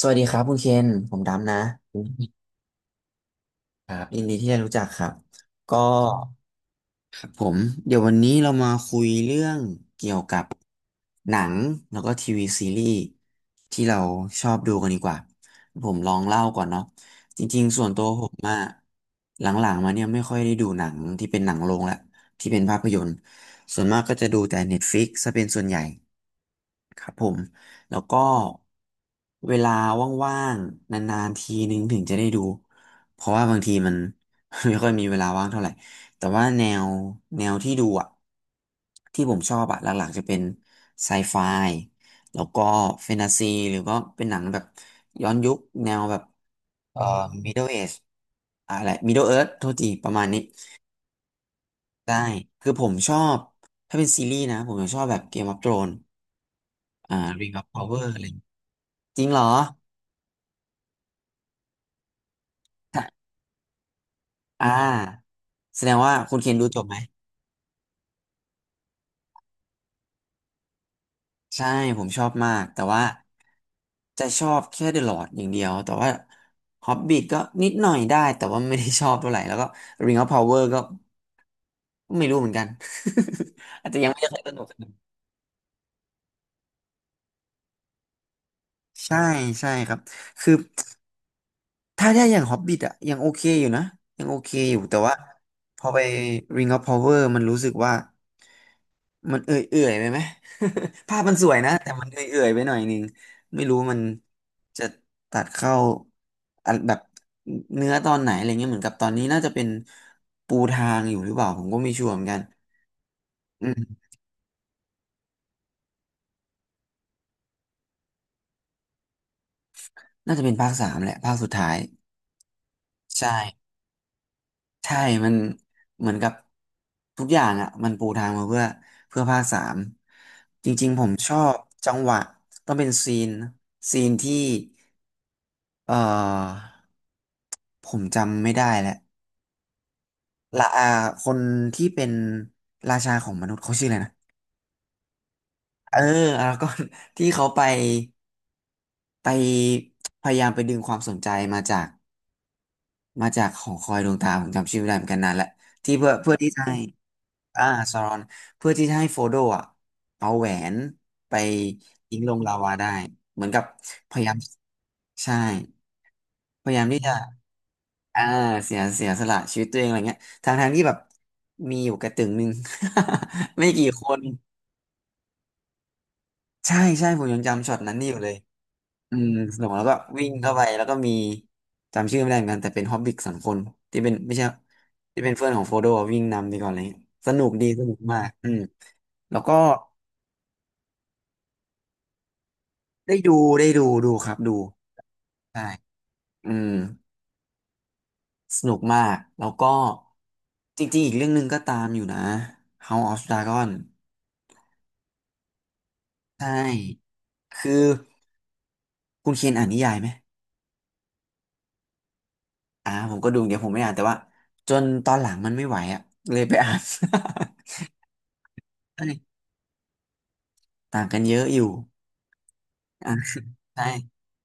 สวัสดีครับคุณเคน ผมดำนะครับยินดีที่ได้รู้จักครับก็ครับผมเดี๋ยววันนี้เรามาคุยเรื่องเกี่ยวกับหนังแล้วก็ทีวีซีรีส์ที่เราชอบดูกันดีกว่า ผมลองเล่าก่อนเนาะจริงๆส่วนตัวผมอะหลังๆมาเนี่ยไม่ค่อยได้ดูหนังที่เป็นหนังโรงละที่เป็นภาพยนตร์ส่วนมากก็จะดูแต่ Netflix ซะเป็นส่วนใหญ่ ครับผม แล้วก็เวลาว่างๆนานๆทีนึงถึงจะได้ดู เพราะว่าบางทีมัน ไม่ค่อยมีเวลาว่างเท่าไหร่ แต่ว่าแนวที่ดูอ่ะที่ผมชอบอ่ะหลักๆจะเป็นไซไฟแล้วก็แฟนตาซีหรือก็เป็นหนังแบบย้อนยุคแนวแบบเอ่อ Middle Age อะไร Middle Earth โทษทีประมาณนี้ ได้ คือผมชอบ ถ้าเป็นซีรีส์นะผมจะชอบแบบ Game of Thrones อ่า Ring of Power อะไร จริงเหรออ่าแสดงว่าคุณเคนดูจบไหม ใช่ ผมชอบมาก แต่ว่าจะชอบแค่เดอะลอร์ดอย่างเดียว แต่ว่าฮอบบิ t ก็นิดหน่อยได้ แต่ว่าไม่ได้ชอบเท่าไหร่ แล้วก็ Ring of Power ก็ไม่รู้เหมือนกัน อาจจะยังไม่ได้เคยสนุกใช่ ใช่ครับ คือ ถ้าได้อย่างฮอบบิ t อะยังโอเคอยู่นะยังโอเคอยู่แต่ว่าพอไป Ring of Power มันรู้สึกว่ามันเอื่อยๆไปไหม ภาพมันสวยนะแต่มันเอื่อยๆไปหน่อยนึงไม่รู้มันจะตัดเข้าอันแบบเนื้อตอนไหนอะไรเงี้ยเหมือนกับตอนนี้น่าจะเป็นปูทางอยู่หรือเปล่าผมก็ไม่ชัวร์เหมือนกันอืมน่าจะเป็นภาคสามแหละภาคสุดท้ายใช่ ใช่มันเหมือนกับทุกอย่างอ่ะมันปูทางมาเพื่อภาคสาม จริงๆผมชอบจังหวะต้องเป็นซีนที่เอ่อผมจำไม่ได้แล้วละอาคนที่เป็นราชาของมนุษย์เขาชื่ออะไรนะเออแล้วก็ ที่เขาไปไปพยายามไปดึงความสนใจมาจากมาจากหอคอยดวงตาผมจำชื่อไม่ได้เหมือนกันนานแหละที่เพื่อที่จะให้ อ่าซารอนเพื่อที่จะให้โฟโดอ่ะเอาแหวนไปทิ้งลงลาวาได้เหมือนกับพยายามใช่พยายามที่จะอ่าเสียสละชีวิตตัวเองอะไรเงี้ยทางที่แบบมีอยู่กระตึงหนึ่ง ไม่กี่คนใช่ใช่ผมยังจำช็อตนั้นนี่อยู่เลยอืมสนุกแล้วก็วิ่งเข้าไปแล้วก็มีจำชื่อไม่ได้เหมือนกันแต่เป็นฮอบบิกสองคนที่เป็นไม่ใช่ที่เป็นเพื่อนของโฟโดวิ่งนำไปก่อนอะไรเลยสนุกดีสนุกมากอืมแล้วก็ ได้ดูดูครับดูใช่อืมสนุกมากแล้วก็จริงๆอีกเรื่องหนึ่งก็ตามอยู่นะ House of Dragon ใช่คือคุณเคนอ่านนิยายไหมอ่าผมก็ดูเดี๋ยวผมไม่อ่านแต่ว่าจนตอนหลังมันไม่ไหวอ่ะเลยไปอ่าน ใช่ต่างกันเยอะอยู่อ่ะใช่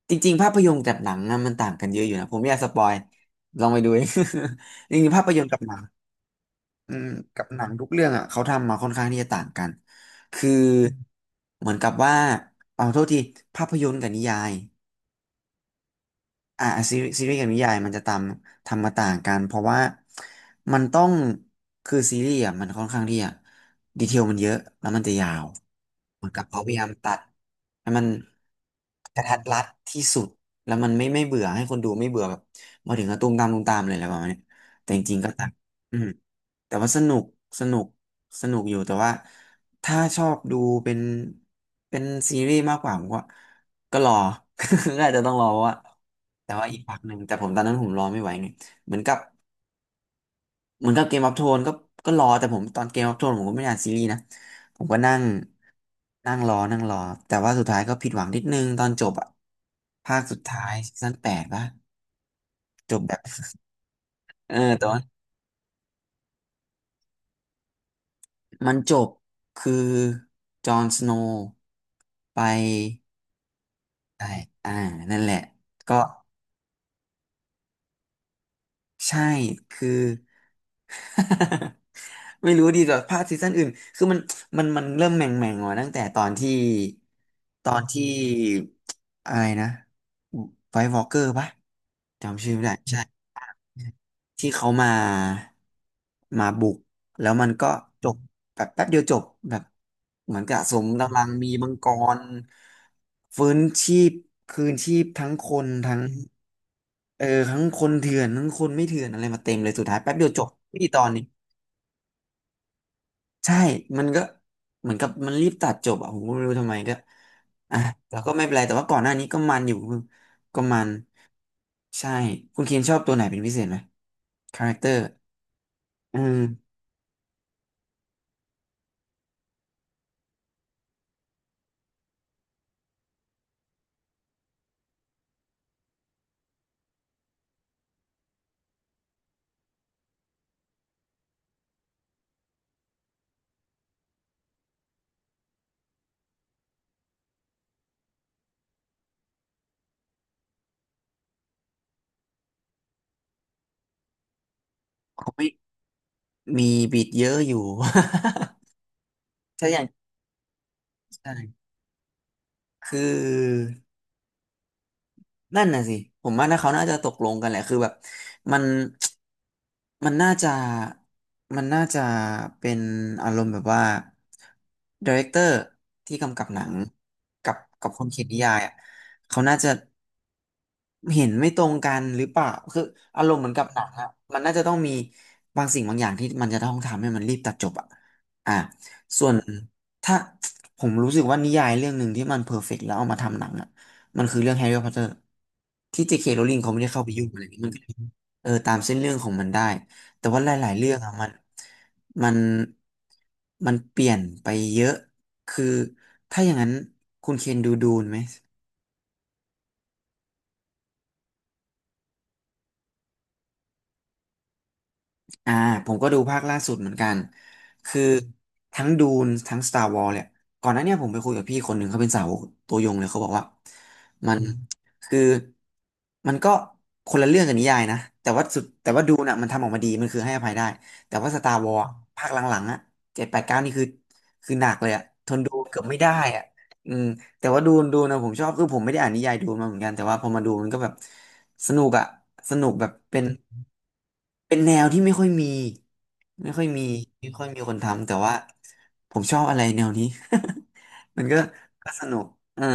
จริงๆภาพยนตร์กับหนังอะมันต่างกันเยอะอยู่นะผมไม่อยากสปอยลองไปดูเอง จริงๆภาพยนตร์กับหนัง อืมกับหนังทุกเรื่องอ่ะเขาทำมาค่อนข้างที่จะต่างกันคือเหมือนกับว่าเอาโทษทีภาพยนตร์กับนิยายอ่าซีรีส์กับนิยายมันจะตามทำมาต่างกันเพราะว่ามันต้องคือซีรีส์อ่ะมันค่อนข้างที่จะดีเทลมันเยอะแล้วมันจะยาวเหมือนกับเขาพยายามตัดให้มันกระทัดรัดที่สุดแล้วมันไม่เบื่อให้คนดูไม่เบื่อแบบมาถึงก็ตุ้มตามตุ้มตามเลยอะไรประมาณเนี้ยแต่จริงๆก็ตัดอืมแต่ว่าสนุกสนุก สนุกอยู่แต่ว่าถ้าชอบดูเป็นเป็นซีรีส์มากกว่าผมก็รอ ก็อาจจะต้องรอเะว่าแต่ว่าอีกพักหนึ่งแต่ผมตอนนั้นผมรอไม่ไหวไงเหมือนกับเหมือนกับเกมออฟโทนก็รอแต่ผมตอนเกมออฟโทนผมก็ไม่ได้อ่านซีรีส์นะผมก็นั่งนั่งรอแต่ว่าสุดท้ายก็ผิดหวังนิดนึงตอนจบอะภาคสุดท้ายซีซั่นแปดปะจบแบบ เออแต่ว่ามันจบคือจอห์นสโนว์ไป ใช่อ่านั่นแหละก็ใช่คือ ไม่รู้ดีกว่าภาคซีซั่นอื่น คือมัน มันเริ่มแหม่งแม่งมาตั้งแต่ตอนที่ ตอนที่อะไรนะไวท์วอล์กเกอร์ปะ จำชื่อไม่ได้ใช่ ที่เขามา มาบุกแล้วมันก็จบ แบบแป๊บเดียวจบ แบบ เหมือนกับสมกำลังมีมังกรฟื้นชีพคืนชีพทั้งคนเถื่อนทั้งคนไม่เถื่อนอะไรมาเต็มเลยสุดท้ายแป๊บเดียวจบไม่กี่ตอนนี่ใช่มันก็เหมือนกับมันรีบตัดจบอ่ะผมก็ไม่รู้ทำไมก็อ่ะแล้วก็ไม่เป็นไรแต่ว่าก่อนหน้านี้ก็มันอยู่ก็มันใช่คุณเคนชอบตัวไหนเป็นพิเศษไหมคาแรคเตอร์อืมเขาไม่มีบิดเยอะอยู่ ใช่อย่างใช่คือ นั่นน่ะสิผมว่านะเขาน่าจะตกลงกันแหละคือแบบมันมันน่าจะมันน่าจะเป็นอารมณ์แบบว่าดีเรคเตอร์ที่กำกับหนังกับคนเขียนนิยายอ่ะเขาน่าจะ เห็นไม่ตรงกันหรือเปล่าคืออารมณ์เหมือนกับหนังอะมันน่าจะต้องมีบางสิ่งบางอย่างที่มันจะต้องทำให้มันรีบตัดจบอะอ่าส่วนถ้าผมรู้สึกว่านิยายเรื่องหนึ่งที่มันเพอร์เฟกต์แล้วเอามาทำหนังอะมันคือเรื่องแฮร์รี่พอตเตอร์ที่เจเคโรลลิงเขาไม่ได้เข้าไปยุ่งอะไรอย่างนี้มันก็เลยเออตามเส้นเรื่องของมันได้แต่ว่าหลายๆเรื่องอะมันมันเปลี่ยนไปเยอะคือถ้าอย่างนั้นคุณเคนดูนไหม อ่าผมก็ดูภาคล่าสุดเหมือนกันคือทั้งดูนทั้ง Star Wars เนี่ยก่อนหน้าเนี่ยผมไปคุยกับพี่คนหนึ่งเขาเป็นสาวกตัวยงเลยเขาบอกว่ามันคือมันก็คนละเรื่องกับนิยายนะแต่ว่าดูน่ะมันทำออกมาดีมันคือให้อภัยได้แต่ว่า Star Wars ภาคหลังๆอ่ะเจ็ดแปดเก้านี่คือหนักเลยอ่ะทนดูเกือบไม่ได้อ่ะอืม แต่ว่าดูนดูนะผมชอบคือผมไม่ได้อ่านนิยายดูนมาเหมือนกันแต่ว่าพอมาดูมันก็แบบสนุกอะสนุกแบบเป็นแนวที่ไม่ค่อยมีไม่ค่อยมีคนทำแต่ว่าผมชอบอะไรแนวนี้ มันก็สนุกเออ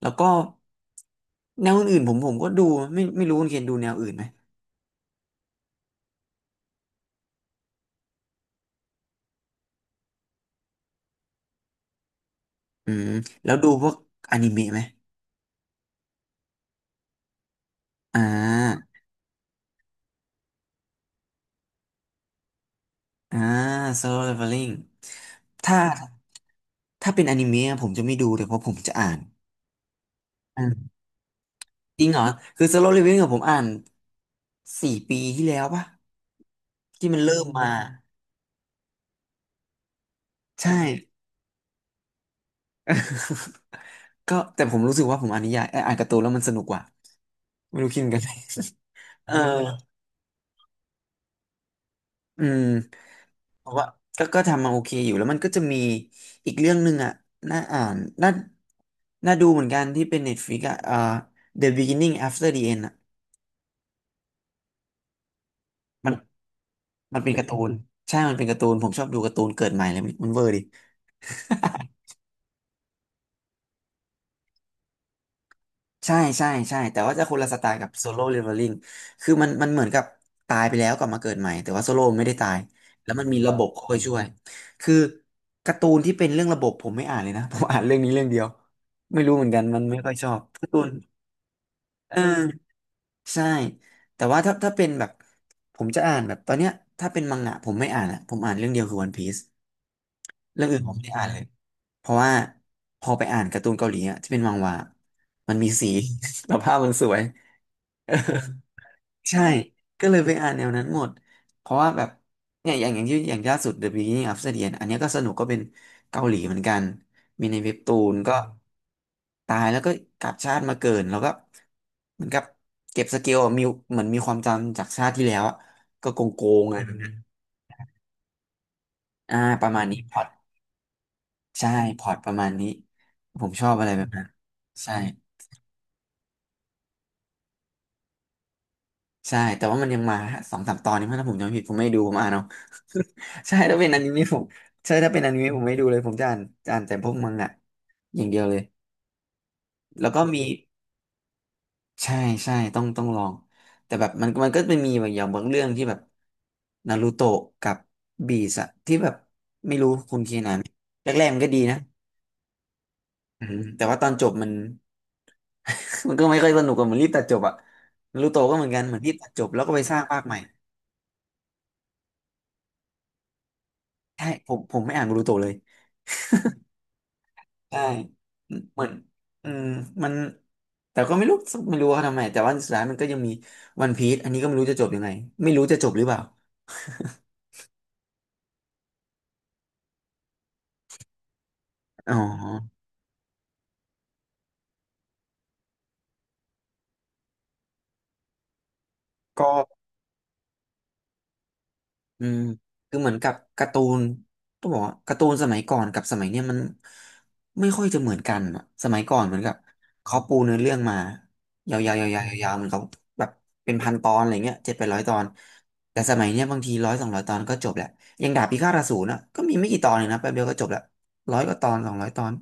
แล้วก็แนวอื่นๆผมก็ดูไม่รู้คุณเคนดูแนวอื่นไหมอืมแล้วดูพวกอนิเมะไหมอ่าอ่า Solo Leveling ถ้าถ้าเป็นอนิเมะผมจะไม่ดูเลยเพราะผมจะอ่าน อ่าจริงเหรอคือ Solo Leveling กัผมอ่านสี่ปีที่แล้วปะที่มันเริ่มมาใช่ก็แต่ผมรู้สึกว่าผมอ่านนิยายอ่านการ์ตูนแล้วมันสนุกกว่าไม่รู้คิดเหมือนกัน เอออืมผมว่าก็ทำมาโอเคอยู่แล้วมันก็จะมีอีกเรื่องหนึ่งอ่ะน่าอ่านน่าน่าดูเหมือนกันที่เป็น Netflix อ่ะThe Beginning After the End อ่ะมันมันเป็นการ์ตูนใช่มันเป็นการ์ตูนผมชอบดูการ์ตูนเกิดใหม่เลยมันเวอร์ดิ ใช่ใช่ใช่แต่ว่าจะคนละสไตล์กับโซโล่เลเวลลิ่งคือมันเหมือนกับตายไปแล้วกลับมาเกิดใหม่แต่ว่าโซโล่ไม่ได้ตายแล้วมันมีระบบบคอยช่วยคือการ์ตูนที่เป็นเรื่องระบบผมไม่อ่านเลยนะ ผมอ่านเรื่องนี้เรื่องเดียวไม่รู้เหมือนกันมันไม่ค่อยชอบการ์ตูนเออใช่แต่ว่าถ้าเป็นแบบผมจะอ่านแบบตอนเนี้ยถ้าเป็นมังงะผมไม่อ่านอ่ะผมอ่านเรื่องเดียวคือวันพีซเรื่องอื่นผมไม่ได้อ่านเลยเพราะว่าพอไปอ่านการ์ตูนเกาหลีอ่ะที่เป็นมังหวะมันมีสี แล้วภาพมันสวย ใช่ก็เลยไปอ่านแนวนั้นหมดเพราะว่าแบบเนี่ยอย่างล่าสุด The Beginning of the End อันเนี้ยก็สนุกก็เป็นเกาหลีเหมือนกันมีในเว็บตูนก็ตายแล้วก็กลับชาติมาเกิดแล้วก็เหมือนกับเก็บสเกลอะมีเหมือนมีความจำจากชาติที่แล้วอะก็โกงโกงอะไรแบบนั้นอ่าประมาณนี้พอตใช่พอตประมาณนี้ผมชอบอะไรแบบนั้นใช่ ใช่ แต่ว่ามันยังมาสองสามตอนนี้มั้งถ้าผมจำไม่ผิดผมไม่ดูผมอ่านเอา ใช่ถ้าเป็นอนิเมะผมใช่ถ้าเป็นอนิเมะผมไม่ดูเลยผมจะอ่านแต่พวกมังงะอย่างเดียวเลยแล้วก็มีใช่ใช่ต้องลองแต่แบบมันก็เป็นมีแบบอย่างบางเรื่องที่แบบนารูโตะกับบีสอะที่แบบไม่รู้คุณเคนอ่านไหมแรกๆมันก็ดีนะอืมแต่ว่าตอนจบมัน มันก็ไม่ค่อยสนุกอะเหมือนรีบตัดจบอะนารูโตะก็เหมือนกันเหมือนรีบตัดจบแล้วก็ไปสร้างภาคใหม่ใช่ผมไม่อ่านนารูโตะเลย ใช่เหมือนอืมมันแต่ก็ไม่รู้ว่าทำไมแต่ว่าสุดท้ายมันก็ยังมีวันพีซอันนี้ก็ไม่รู้จะจบยังไงไม่รู้จะจบหรือเปล่าอ๋อก็ อืมคือเหมือนกับการ์ตูนต้องบอกว่าการ์ตูนสมัยก่อนกับสมัยเนี้ยมันไม่ค่อยจะเหมือนกันอะสมัยก่อนเหมือนกับเขาปูเนื้อเรื่องมายาวๆยาวๆยาวๆเหมือนเขาแบบเป็นพันตอนอะไรเงี้ยเจ็ดไปร้อยตอนแต่สมัยเนี้ยบางทีร้อยสองร้อยตอนก็จบแหละอย่างดาบพิฆาตอสูรนะก็มีไม่กี่ตอนเลยนะแป๊บเดียวก็จบละร้อยกว่าตอนสองร้อยตอน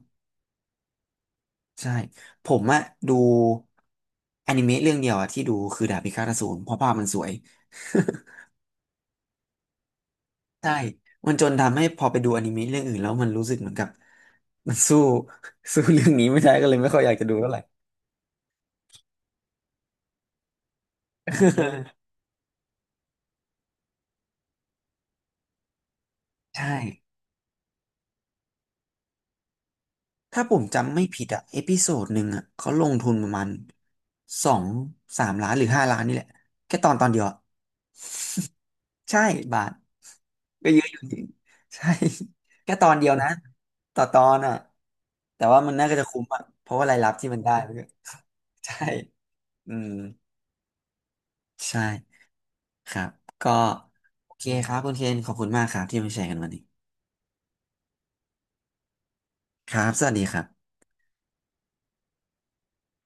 ใช่ผมอะดูอนิเมะเรื่องเดียวอะที่ดูคือดาบพิฆาตอสูรเพราะภาพมันสวย ใช่มันจนทำให้พอไปดูอนิเมะเรื่องอื่นแล้วมันรู้สึกเหมือนกับ มันสู้ สู้เรื่องนี้ไม่ได้ก็เลยไม่ค่อยอยากจะดูเท่าไหร่ใช่ถ้าผมจำไม่ผิดอะเอพิโซดหนึ่งอะเขาลงทุนประมาณสองสามล้านหรือห้าล้านนี่แหละแค่ตอนเดียวอะใช่บาทก็เยอะอยู่จริงใช่ แค่ตอนเดียวนะต่อตอนอะแต่ว่ามันน่าก็จะคุ้มอะเพราะว่ารายรับที่มันได้มันก็ ใช่อืมใช่ ครับก็โอเคครับคุณเคนขอบคุณมากครับที่มาแชร์กันวันนี้ ครับ สวัสดีครับ